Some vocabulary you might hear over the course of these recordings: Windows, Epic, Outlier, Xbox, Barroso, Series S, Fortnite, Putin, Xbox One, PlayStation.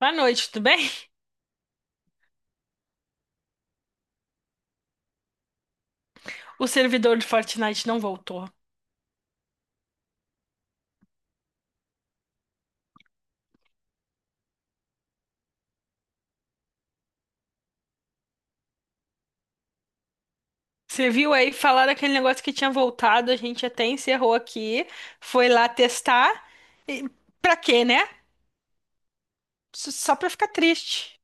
Boa noite, tudo bem? O servidor do Fortnite não voltou. Você viu aí falar daquele negócio que tinha voltado, a gente até encerrou aqui, foi lá testar. E pra quê, né? Só pra ficar triste.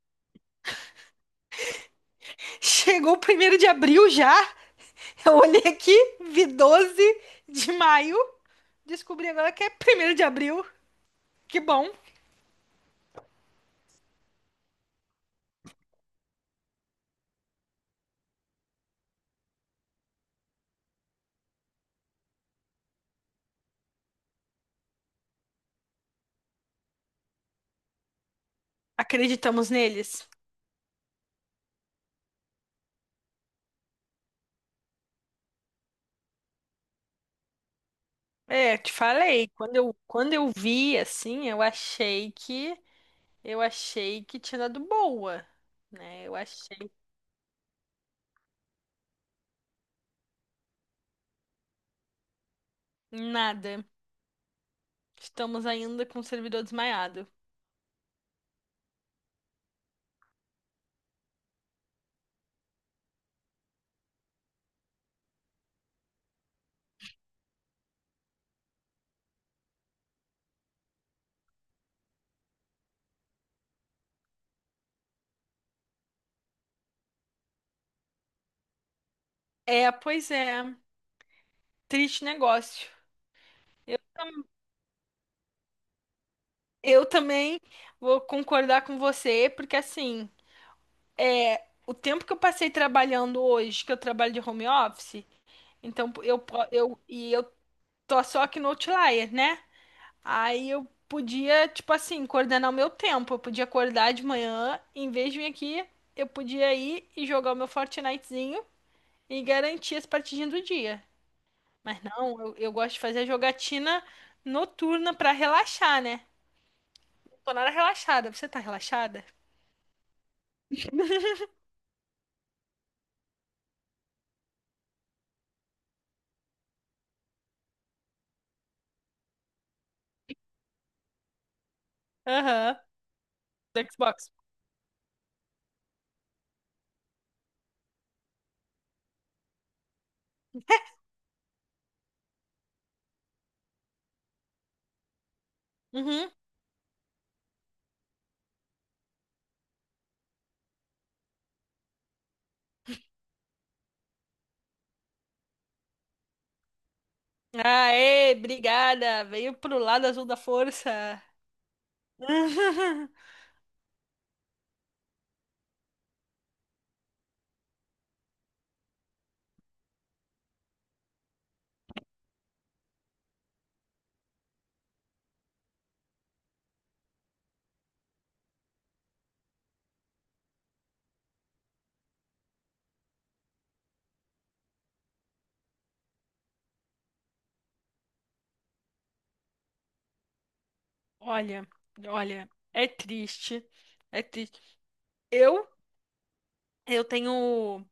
Chegou o primeiro de abril já. Eu olhei aqui, vi 12 de maio, descobri agora que é primeiro de abril. Que bom. Acreditamos neles. É, te falei, quando eu vi assim, eu achei que eu achei que tinha dado boa, né? Eu achei nada. Estamos ainda com o servidor desmaiado. É, pois é. Triste negócio. Eu também vou concordar com você, porque assim, é, o tempo que eu passei trabalhando hoje, que eu trabalho de home office, então eu, eu, eu tô só aqui no Outlier, né? Aí eu podia, tipo assim, coordenar o meu tempo. Eu podia acordar de manhã, em vez de vir aqui, eu podia ir e jogar o meu Fortnitezinho e garantir as partidinhas do dia. Mas não, eu gosto de fazer a jogatina noturna pra relaxar, né? Não tô nada relaxada. Você tá relaxada? Aham. Do Xbox. Uhum. Aê, obrigada. Veio pro lado azul da força. Olha, olha, é triste. É triste. Eu, eu tenho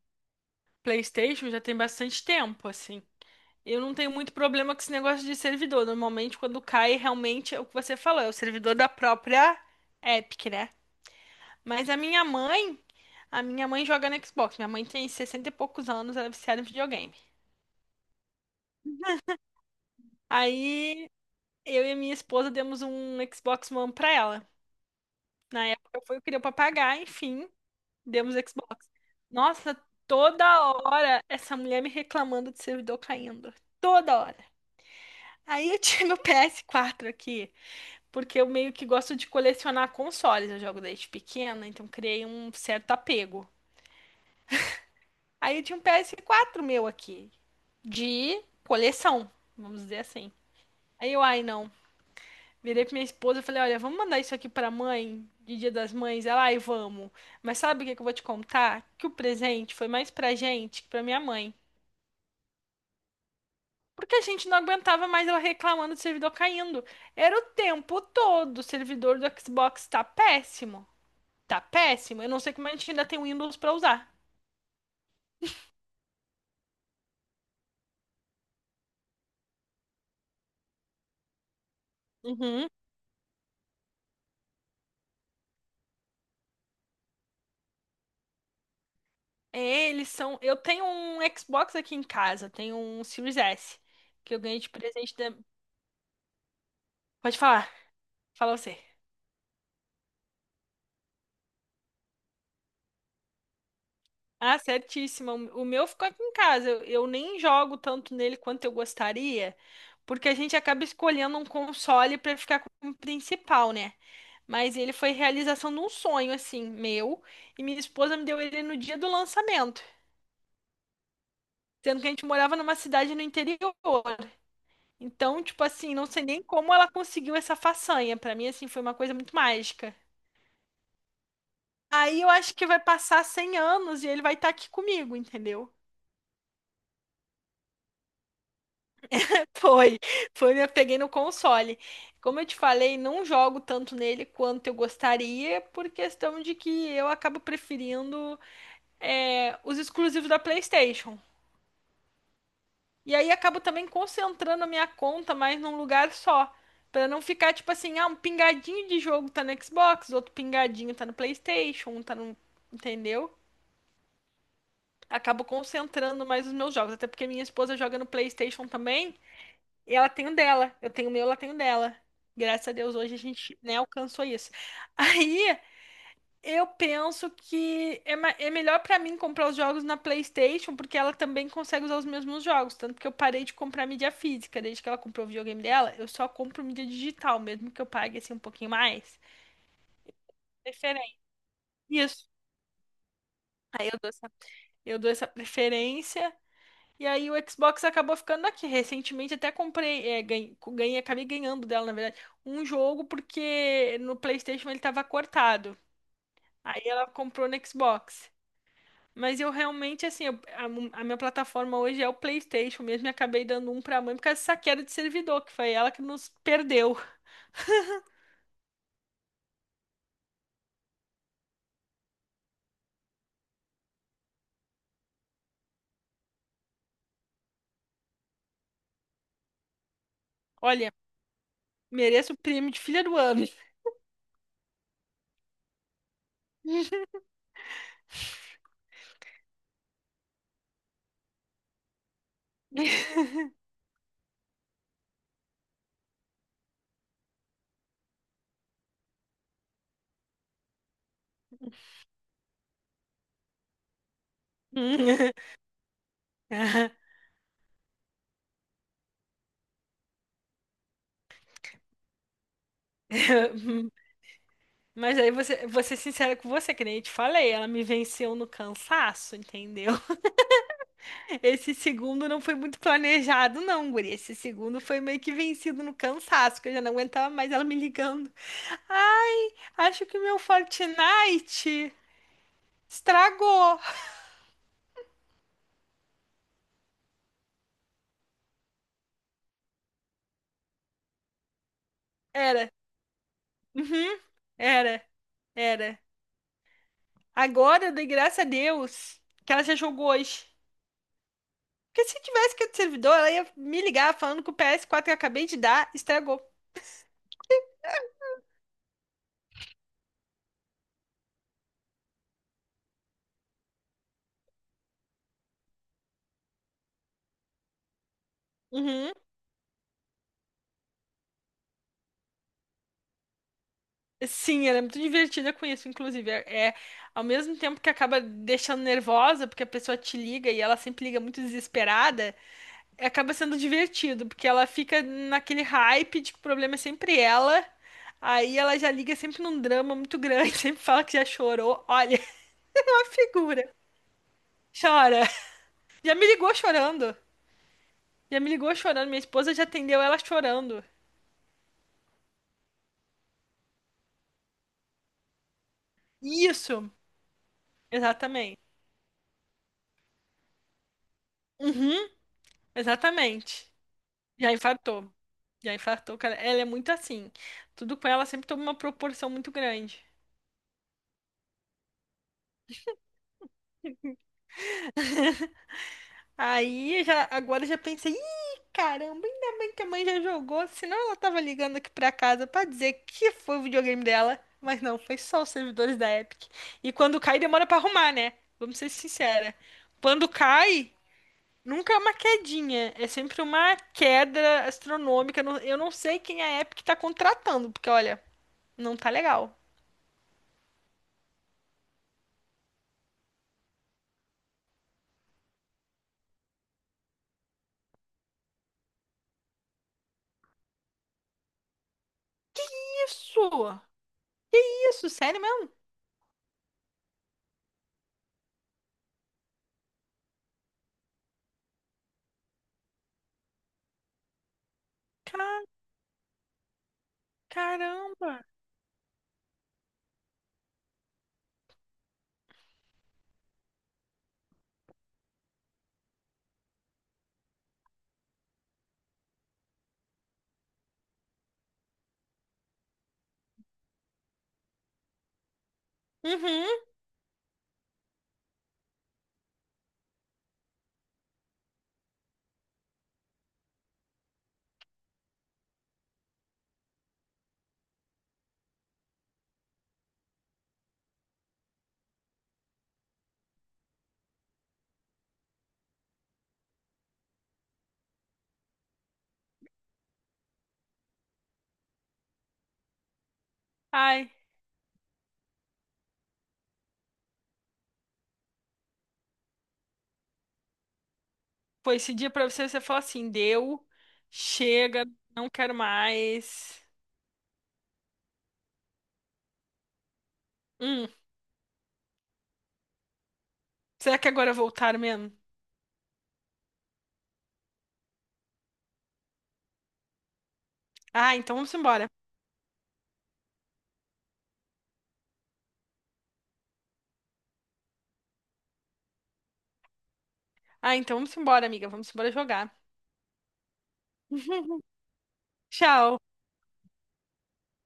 PlayStation já tem bastante tempo, assim. Eu não tenho muito problema com esse negócio de servidor. Normalmente, quando cai, realmente é o que você falou, é o servidor da própria Epic, né? Mas a minha mãe joga no Xbox. Minha mãe tem 60 e poucos anos, ela é viciada em videogame. Aí eu e a minha esposa demos um Xbox One pra ela. Na época foi o que deu pra pagar, enfim, demos Xbox. Nossa, toda hora essa mulher me reclamando de servidor caindo. Toda hora. Aí eu tinha meu PS4 aqui. Porque eu meio que gosto de colecionar consoles. Eu jogo desde pequena, então criei um certo apego. Aí eu tinha um PS4 meu aqui, de coleção, vamos dizer assim. Aí eu, ai não. Virei pra minha esposa e falei: olha, vamos mandar isso aqui pra mãe, de Dia das Mães. Ela, ai, vamos. Mas sabe o que que eu vou te contar? Que o presente foi mais pra gente que pra minha mãe. Porque a gente não aguentava mais ela reclamando do servidor caindo. Era o tempo todo. O servidor do Xbox tá péssimo. Tá péssimo. Eu não sei como a gente ainda tem Windows pra usar. Uhum. Eles são. Eu tenho um Xbox aqui em casa, tenho um Series S, que eu ganhei de presente da. Pode falar, fala você. Ah, certíssima. O meu ficou aqui em casa. Eu nem jogo tanto nele quanto eu gostaria, porque a gente acaba escolhendo um console pra ficar como principal, né? Mas ele foi realização de um sonho, assim, meu, e minha esposa me deu ele no dia do lançamento, sendo que a gente morava numa cidade no interior. Então, tipo assim, não sei nem como ela conseguiu essa façanha. Pra mim, assim, foi uma coisa muito mágica. Aí eu acho que vai passar 100 anos e ele vai estar aqui comigo, entendeu? Foi, foi, eu peguei no console. Como eu te falei, não jogo tanto nele quanto eu gostaria, por questão de que eu acabo preferindo é, os exclusivos da PlayStation. E aí acabo também concentrando a minha conta mais num lugar só. Pra não ficar tipo assim, ah, um pingadinho de jogo tá no Xbox, outro pingadinho tá no PlayStation, um tá no. Entendeu? Acabo concentrando mais os meus jogos. Até porque minha esposa joga no PlayStation também, e ela tem o dela. Eu tenho o meu, ela tem o dela. Graças a Deus, hoje a gente, né, alcançou isso. Aí. Eu penso que é, é melhor pra mim comprar os jogos na PlayStation, porque ela também consegue usar os mesmos jogos. Tanto que eu parei de comprar mídia física. Desde que ela comprou o videogame dela, eu só compro mídia digital, mesmo que eu pague assim um pouquinho mais. Preferência. Isso. Aí eu dou essa preferência. E aí o Xbox acabou ficando aqui. Recentemente até comprei, é, ganhei, ganhei, acabei ganhando dela, na verdade, um jogo porque no PlayStation ele tava cortado. Aí ela comprou no Xbox. Mas eu realmente, assim, a minha plataforma hoje é o PlayStation mesmo. E acabei dando um pra mãe por causa dessa queda de servidor, que foi ela que nos perdeu. Olha, mereço o prêmio de filha do ano. Mas aí você, vou ser sincera com você, que nem eu te falei, ela me venceu no cansaço, entendeu? Esse segundo não foi muito planejado, não, guri. Esse segundo foi meio que vencido no cansaço, que eu já não aguentava mais ela me ligando. Acho que meu Fortnite estragou. Era. Uhum. Era. Era. Agora, de graça a Deus, que ela já jogou hoje. Porque se tivesse que ir do servidor, ela ia me ligar falando que o ps quatro que eu acabei de dar estragou. Uhum. Sim, ela é muito divertida com isso, inclusive. É ao mesmo tempo que acaba deixando nervosa, porque a pessoa te liga e ela sempre liga muito desesperada. Acaba sendo divertido, porque ela fica naquele hype de que o problema é sempre ela. Aí ela já liga sempre num drama muito grande, sempre fala que já chorou. Olha, uma figura. Chora. Já me ligou chorando. Já me ligou chorando. Minha esposa já atendeu ela chorando. Isso, exatamente. Uhum, exatamente. Já infartou. Já infartou, cara. Ela é muito assim. Tudo com ela sempre toma uma proporção muito grande. Aí eu já, agora eu já pensei, ih, caramba, ainda bem que a mãe já jogou, senão ela tava ligando aqui pra casa pra dizer que foi o videogame dela, mas não, foi só os servidores da Epic. E quando cai, demora pra arrumar, né? Vamos ser sincera. Quando cai, nunca é uma quedinha, é sempre uma queda astronômica. Eu não sei quem a Epic tá contratando, porque olha, não tá legal. Isso! Isso, sério mesmo? Ca- Caramba! Uhum. Ai. Foi esse dia pra você, você fala assim, deu, chega, não quero mais. Hum, será que agora voltaram mesmo? Ah, então vamos embora. Ah, então vamos embora, amiga, vamos embora jogar. Tchau.